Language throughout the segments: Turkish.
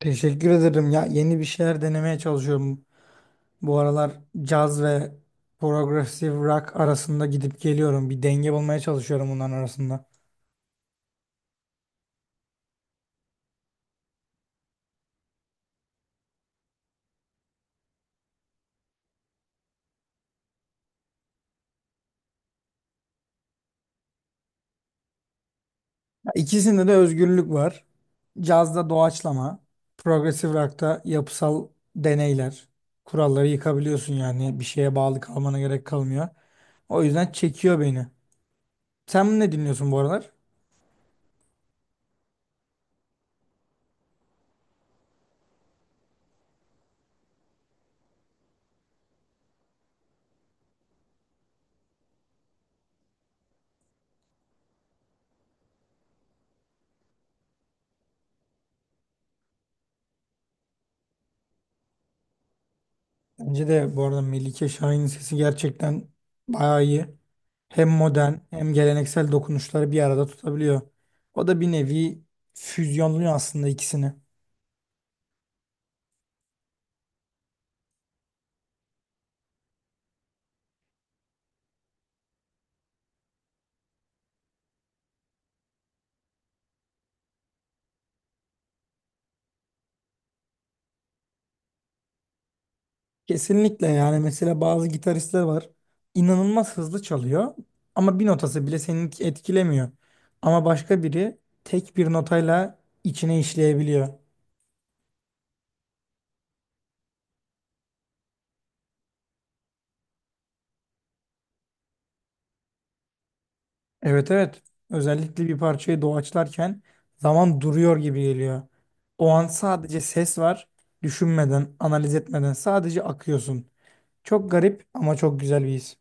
Teşekkür ederim. Ya yeni bir şeyler denemeye çalışıyorum. Bu aralar caz ve progressive rock arasında gidip geliyorum. Bir denge bulmaya çalışıyorum bunların arasında. Ya İkisinde de özgürlük var. Cazda doğaçlama, progressive rock'ta yapısal deneyler. Kuralları yıkabiliyorsun yani bir şeye bağlı kalmana gerek kalmıyor. O yüzden çekiyor beni. Sen ne dinliyorsun bu aralar? Bence de bu arada Melike Şahin'in sesi gerçekten bayağı iyi. Hem modern hem geleneksel dokunuşları bir arada tutabiliyor. O da bir nevi füzyonluyor aslında ikisini. Kesinlikle yani mesela bazı gitaristler var. İnanılmaz hızlı çalıyor ama bir notası bile seni etkilemiyor. Ama başka biri tek bir notayla içine işleyebiliyor. Evet evet. Özellikle bir parçayı doğaçlarken zaman duruyor gibi geliyor. O an sadece ses var. Düşünmeden, analiz etmeden sadece akıyorsun. Çok garip ama çok güzel bir his.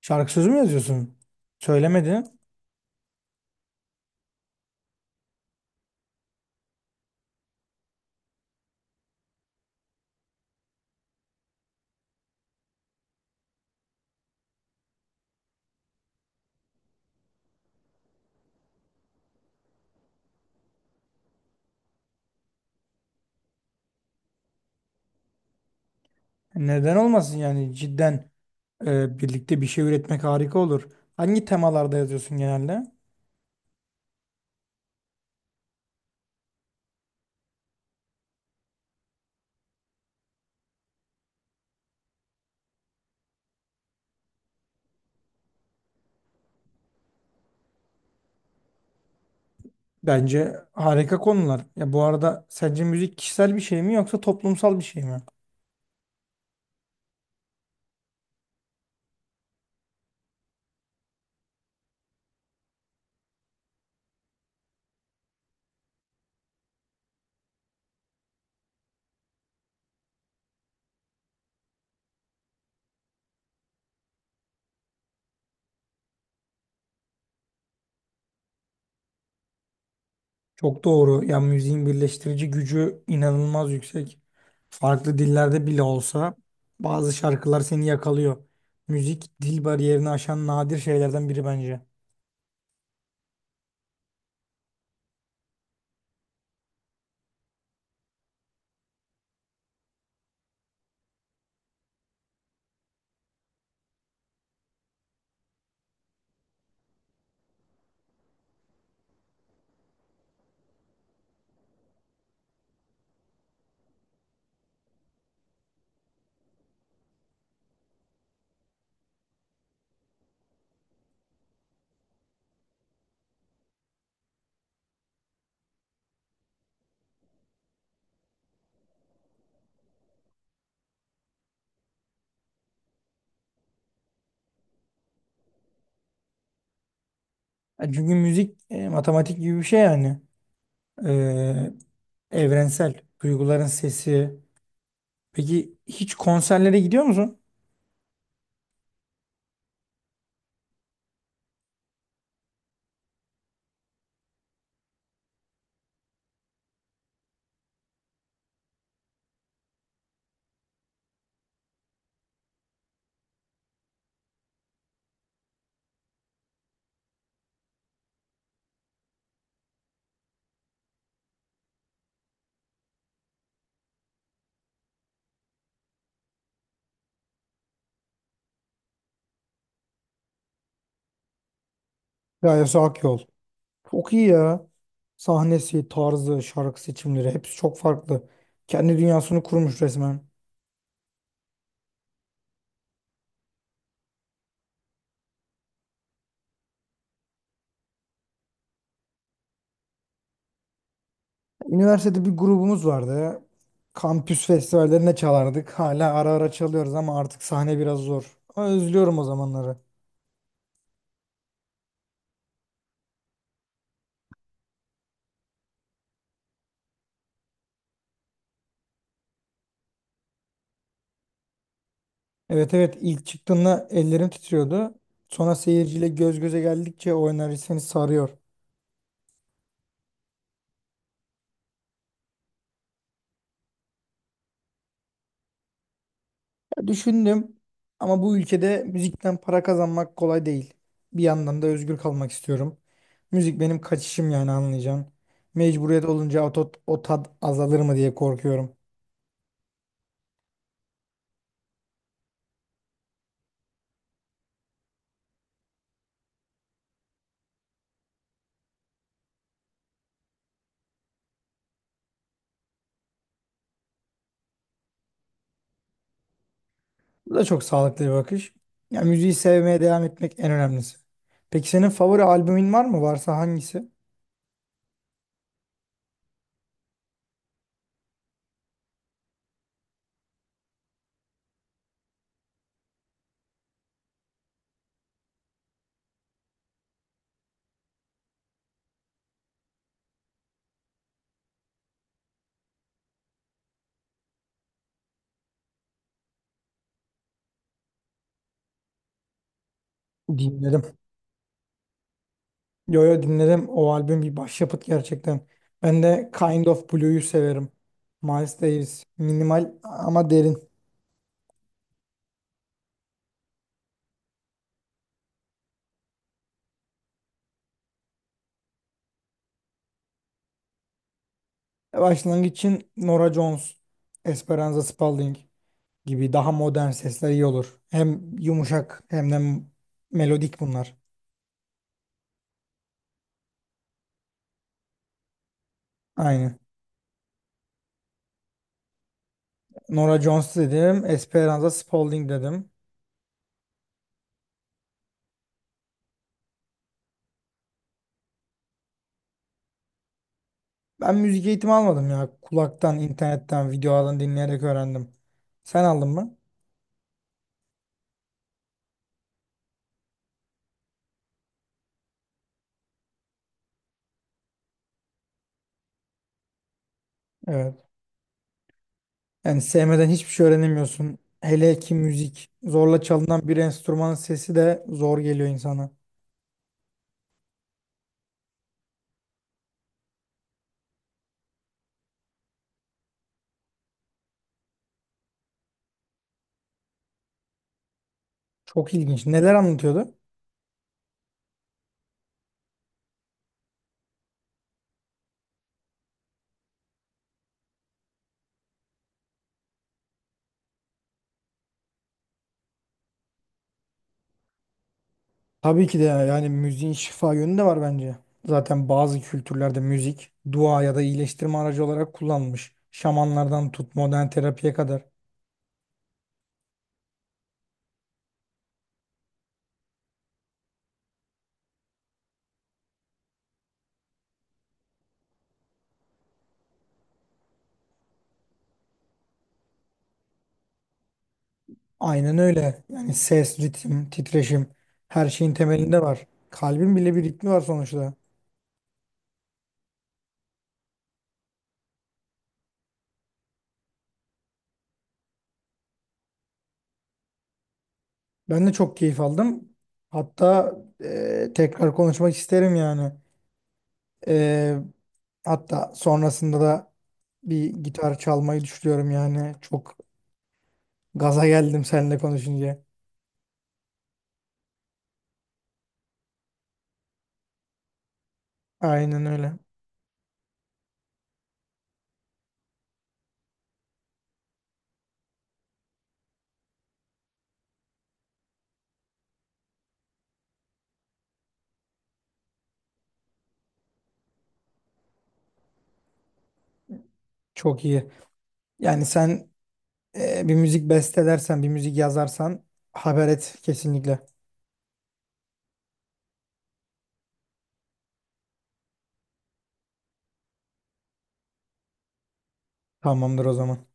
Şarkı sözü mü yazıyorsun? Söylemedi. Neden olmasın yani cidden birlikte bir şey üretmek harika olur. Hangi temalarda yazıyorsun genelde? Bence harika konular. Ya bu arada sence müzik kişisel bir şey mi yoksa toplumsal bir şey mi? Çok doğru. Ya müziğin birleştirici gücü inanılmaz yüksek. Farklı dillerde bile olsa bazı şarkılar seni yakalıyor. Müzik dil bariyerini aşan nadir şeylerden biri bence. Ya Çünkü müzik matematik gibi bir şey yani. E, Evrensel. Duyguların sesi. Peki hiç konserlere gidiyor musun? Ya Gayesi Akyol. Çok iyi ya. Sahnesi, tarzı, şarkı seçimleri hepsi çok farklı. Kendi dünyasını kurmuş resmen. Üniversitede bir grubumuz vardı. Kampüs festivallerine çalardık. Hala ara ara çalıyoruz ama artık sahne biraz zor. Ama özlüyorum o zamanları. Evet evet, ilk çıktığında ellerim titriyordu. Sonra seyirciyle göz göze geldikçe o enerji seni sarıyor. Düşündüm ama bu ülkede müzikten para kazanmak kolay değil. Bir yandan da özgür kalmak istiyorum. Müzik benim kaçışım yani anlayacaksın. Mecburiyet olunca o tat azalır mı diye korkuyorum. Bu da çok sağlıklı bir bakış. Ya müziği sevmeye devam etmek en önemlisi. Peki senin favori albümün var mı? Varsa hangisi? Dinledim. Yo yo, dinledim. O albüm bir başyapıt gerçekten. Ben de Kind of Blue'yu severim. Miles Davis. Minimal ama derin. Başlangıç için Norah Jones, Esperanza Spalding gibi daha modern sesler iyi olur. Hem yumuşak hem de melodik bunlar. Aynı. Norah Jones dedim, Esperanza Spalding dedim. Ben müzik eğitimi almadım ya. Kulaktan, internetten, videolardan dinleyerek öğrendim. Sen aldın mı? Evet. Yani sevmeden hiçbir şey öğrenemiyorsun. Hele ki müzik. Zorla çalınan bir enstrümanın sesi de zor geliyor insana. Çok ilginç. Neler anlatıyordu? Tabii ki de yani müziğin şifa yönü de var bence. Zaten bazı kültürlerde müzik dua ya da iyileştirme aracı olarak kullanılmış. Şamanlardan tut modern terapiye kadar. Aynen öyle. Yani ses, ritim, titreşim her şeyin temelinde var. Kalbin bile bir ritmi var sonuçta. Ben de çok keyif aldım. Hatta tekrar konuşmak isterim yani. E, hatta sonrasında da bir gitar çalmayı düşünüyorum yani. Çok gaza geldim seninle konuşunca. Aynen öyle. Çok iyi. Yani sen bir müzik bestelersen, bir müzik yazarsan haber et kesinlikle. Tamamdır o zaman.